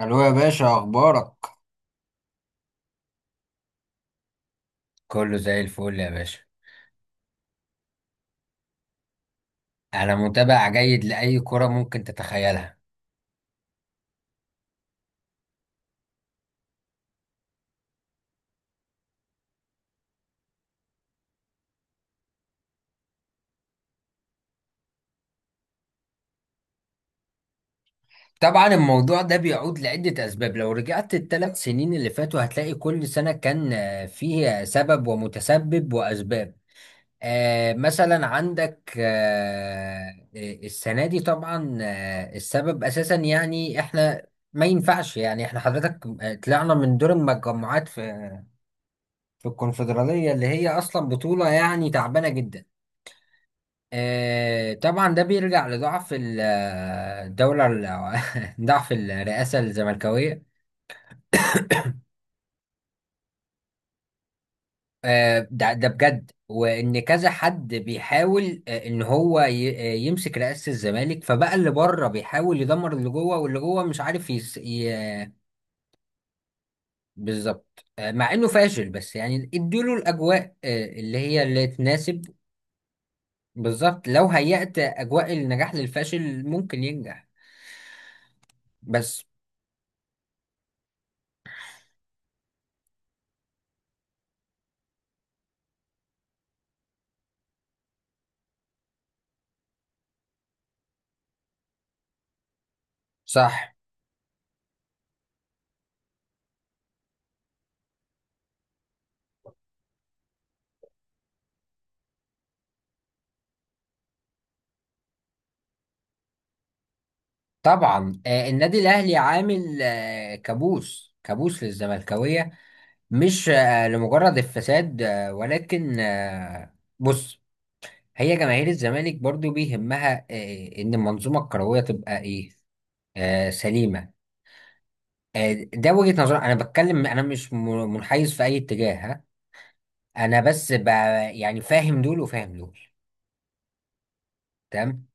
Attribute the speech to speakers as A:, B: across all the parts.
A: الو يا باشا، اخبارك؟ كله زي الفل يا باشا. أنا متابع جيد لأي كرة ممكن تتخيلها. طبعا الموضوع ده بيعود لعدة أسباب. لو رجعت الثلاث سنين اللي فاتوا هتلاقي كل سنة كان فيه سبب ومتسبب وأسباب. مثلا عندك السنة دي طبعا السبب أساسا، يعني إحنا ما ينفعش، يعني إحنا حضرتك طلعنا من دور المجموعات في الكونفدرالية اللي هي أصلا بطولة يعني تعبانة جدا. طبعا ده بيرجع لضعف الدولة ضعف الرئاسة الزملكاوية. ده بجد، وإن كذا حد بيحاول، إن هو يمسك رئاسة الزمالك، فبقى اللي بره بيحاول يدمر اللي جوه، واللي جوه مش عارف يس... ي... آه، بالظبط. مع إنه فاشل بس يعني اديله الأجواء اللي هي اللي تناسب. بالظبط. لو هيأت أجواء النجاح للفاشل ممكن ينجح. بس. صح. طبعا النادي الاهلي عامل كابوس كابوس للزملكاويه. مش لمجرد الفساد، ولكن بص. هي جماهير الزمالك برضو بيهمها، ان المنظومه الكرويه تبقى ايه، سليمه. ده وجهه نظر. انا بتكلم، انا مش منحيز في اي اتجاه، ها؟ انا بس يعني فاهم دول وفاهم دول. تمام.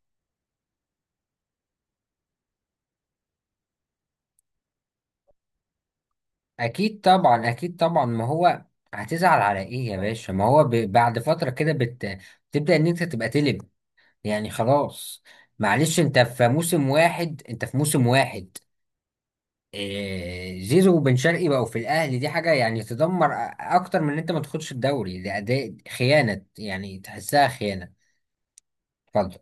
A: اكيد طبعا، اكيد طبعا، ما هو هتزعل على ايه يا باشا؟ ما هو بعد فتره كده بتبدا ان انت تبقى تلب. يعني خلاص. معلش، انت في موسم واحد، انت في موسم واحد. زيزو وبن شرقي بقوا في الاهلي، دي حاجه يعني تدمر اكتر من ان انت ما تاخدش الدوري. ده اداء خيانه، يعني تحسها خيانه. اتفضل.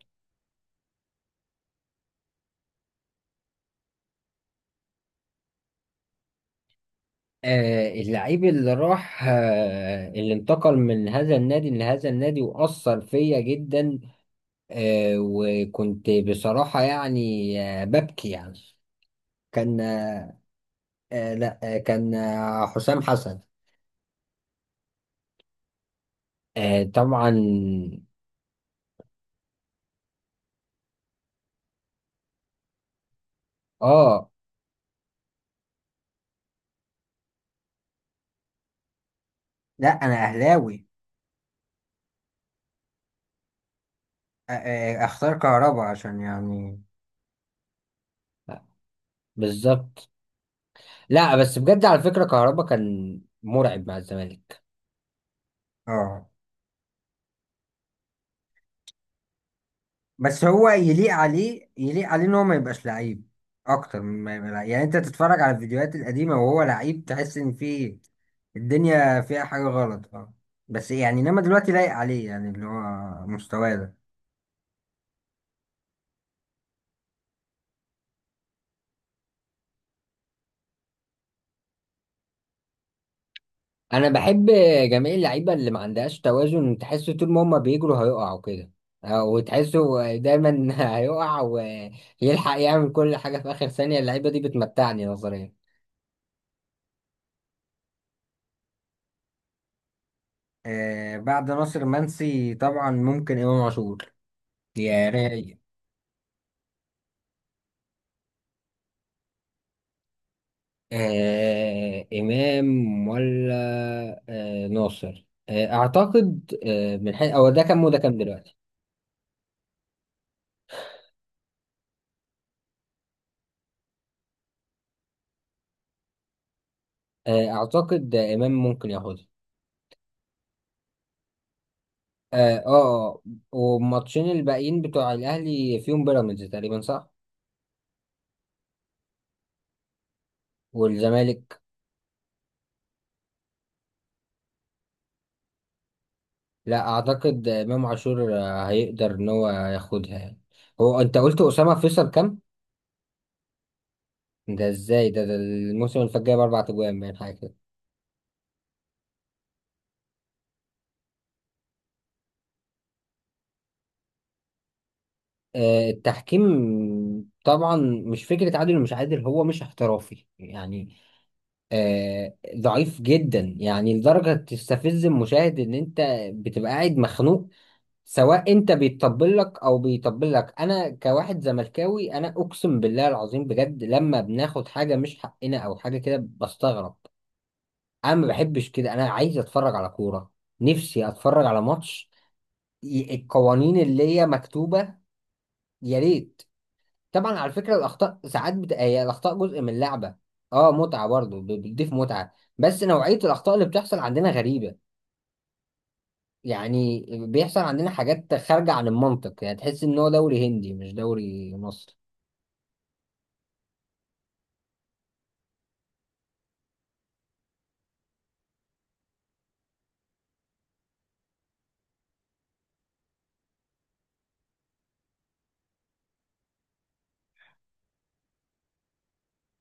A: اللعيب اللي راح، اللي انتقل من هذا النادي لهذا النادي وأثر فيا جدا. وكنت بصراحة يعني ببكي يعني. كان لا. كان حسام حسن. طبعا. اه. لا، انا اهلاوي. اختار كهربا عشان يعني. بالظبط. لا، بس بجد، على فكرة كهربا كان مرعب مع الزمالك. اه. بس هو يليق عليه، يليق عليه ان هو ما يبقاش لعيب اكتر من ما يبقى لعيب. يعني انت تتفرج على الفيديوهات القديمه وهو لعيب، تحس ان في الدنيا فيها حاجه غلط. اه. بس يعني انما دلوقتي لايق عليه، يعني اللي هو مستواه ده. انا بحب جميع اللعيبه اللي ما عندهاش توازن، تحس طول ما هما بيجروا هيقعوا كده، او تحسه دايما هيقع ويلحق يعمل كل حاجه في اخر ثانيه. اللعيبه دي بتمتعني نظريا. بعد ناصر منسي طبعا ممكن امام عاشور، يا راي. إمام ولا ناصر؟ أعتقد من حيث، أو ده كام وده كام دلوقتي؟ أعتقد إمام ممكن ياخدها. آه آه والماتشين الباقيين بتوع الأهلي فيهم بيراميدز تقريبا، صح؟ والزمالك. لا أعتقد، إمام عاشور هيقدر إن هو ياخدها يعني. هو أنت قلت أسامة فيصل كام؟ ده إزاي ده؟ ده الموسم اللي فات جايب أربع أجوان، باين حاجة كده. التحكيم طبعا مش فكرة عادل ومش عادل، هو مش احترافي يعني. ضعيف جدا، يعني لدرجة تستفز المشاهد ان انت بتبقى قاعد مخنوق. سواء انت بيتطبل لك او بيطبل لك، انا كواحد زملكاوي، انا اقسم بالله العظيم بجد لما بناخد حاجة مش حقنا او حاجة كده بستغرب. انا ما بحبش كده، انا عايز اتفرج على كورة. نفسي اتفرج على ماتش. القوانين اللي هي مكتوبة. يا ريت. طبعا على فكرة، الأخطاء ساعات هي الأخطاء جزء من اللعبة. اه، متعة برضه، بتضيف متعة. بس نوعية الأخطاء اللي بتحصل عندنا غريبة. يعني بيحصل عندنا حاجات خارجة عن المنطق، يعني تحس إن هو دوري هندي مش دوري مصري.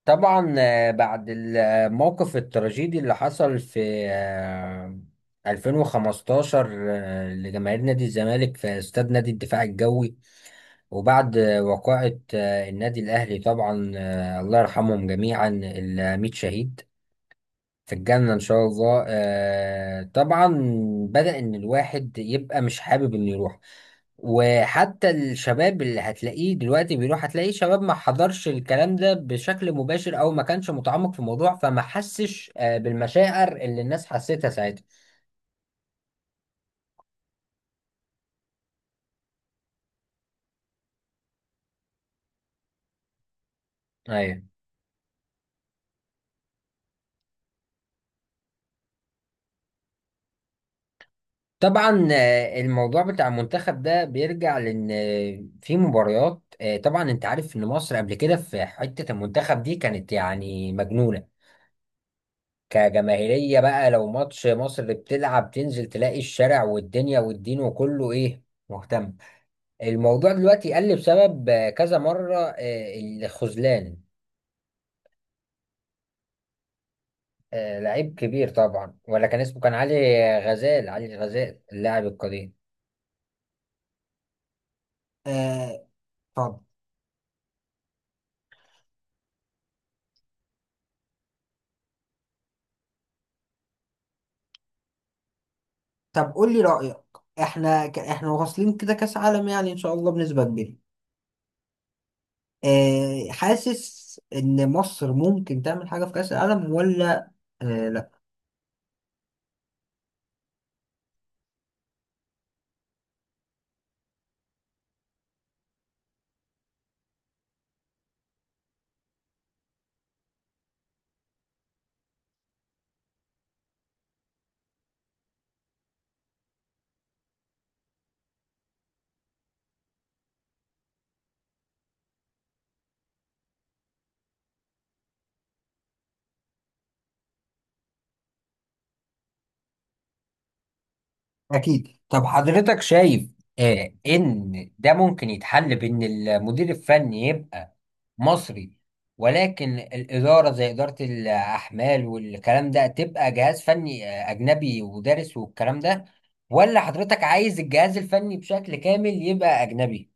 A: طبعا بعد الموقف التراجيدي اللي حصل في 2015 لجماهير نادي الزمالك في استاد نادي الدفاع الجوي، وبعد وقائع النادي الأهلي. طبعا الله يرحمهم جميعا، الميت شهيد في الجنة إن شاء الله. طبعا بدأ إن الواحد يبقى مش حابب إنه يروح. وحتى الشباب اللي هتلاقيه دلوقتي بيروح، هتلاقيه شباب ما حضرش الكلام ده بشكل مباشر أو ما كانش متعمق في الموضوع، فما حسش بالمشاعر اللي الناس حسيتها ساعتها. أيوه. طبعا الموضوع بتاع المنتخب ده بيرجع لأن في مباريات. طبعا أنت عارف إن مصر قبل كده في حتة المنتخب دي كانت يعني مجنونة كجماهيرية. بقى لو ماتش مصر بتلعب تنزل تلاقي الشارع والدنيا والدين وكله، ايه، مهتم. الموضوع دلوقتي قل بسبب كذا مرة الخذلان. لعيب كبير طبعا، ولا كان اسمه؟ كان علي غزال، علي غزال اللاعب القدير. آه طب طب قول لي رأيك. احنا واصلين كده كأس عالم، يعني ان شاء الله بنسبة كبيرة. حاسس ان مصر ممكن تعمل حاجة في كأس العالم، ولا؟ آه أكيد. طب حضرتك شايف إن ده ممكن يتحل بإن المدير الفني يبقى مصري، ولكن الإدارة زي إدارة الأحمال والكلام ده تبقى جهاز فني أجنبي ودارس والكلام ده؟ ولا حضرتك عايز الجهاز الفني بشكل كامل يبقى أجنبي؟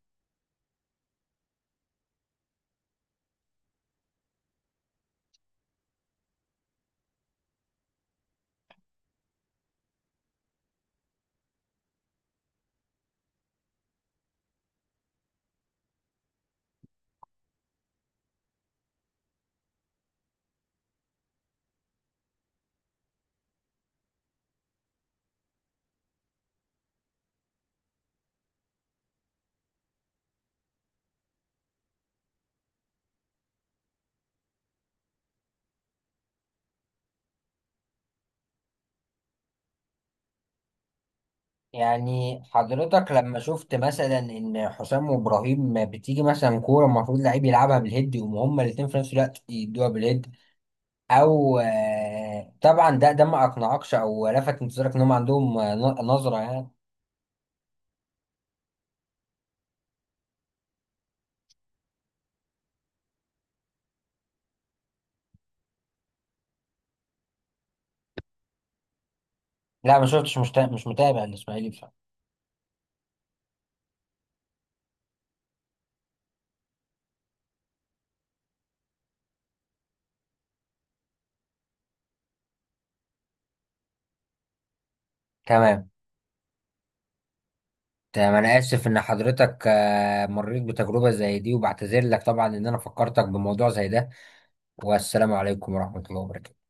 A: يعني حضرتك لما شفت مثلا إن حسام وإبراهيم بتيجي مثلا كورة المفروض لعيب يلعبها بالهيد، يقوموا هما الاتنين في نفس الوقت يدوها بالهيد. او طبعا ده ما اقنعكش؟ او لفت انتظارك ان هم عندهم نظره يعني؟ لا، ما شفتش، مش متابع الاسماعيلي بصراحه. تمام. تمام. انا اسف ان حضرتك مريت بتجربه زي دي، وبعتذر لك طبعا ان انا فكرتك بموضوع زي ده. والسلام عليكم ورحمه الله وبركاته.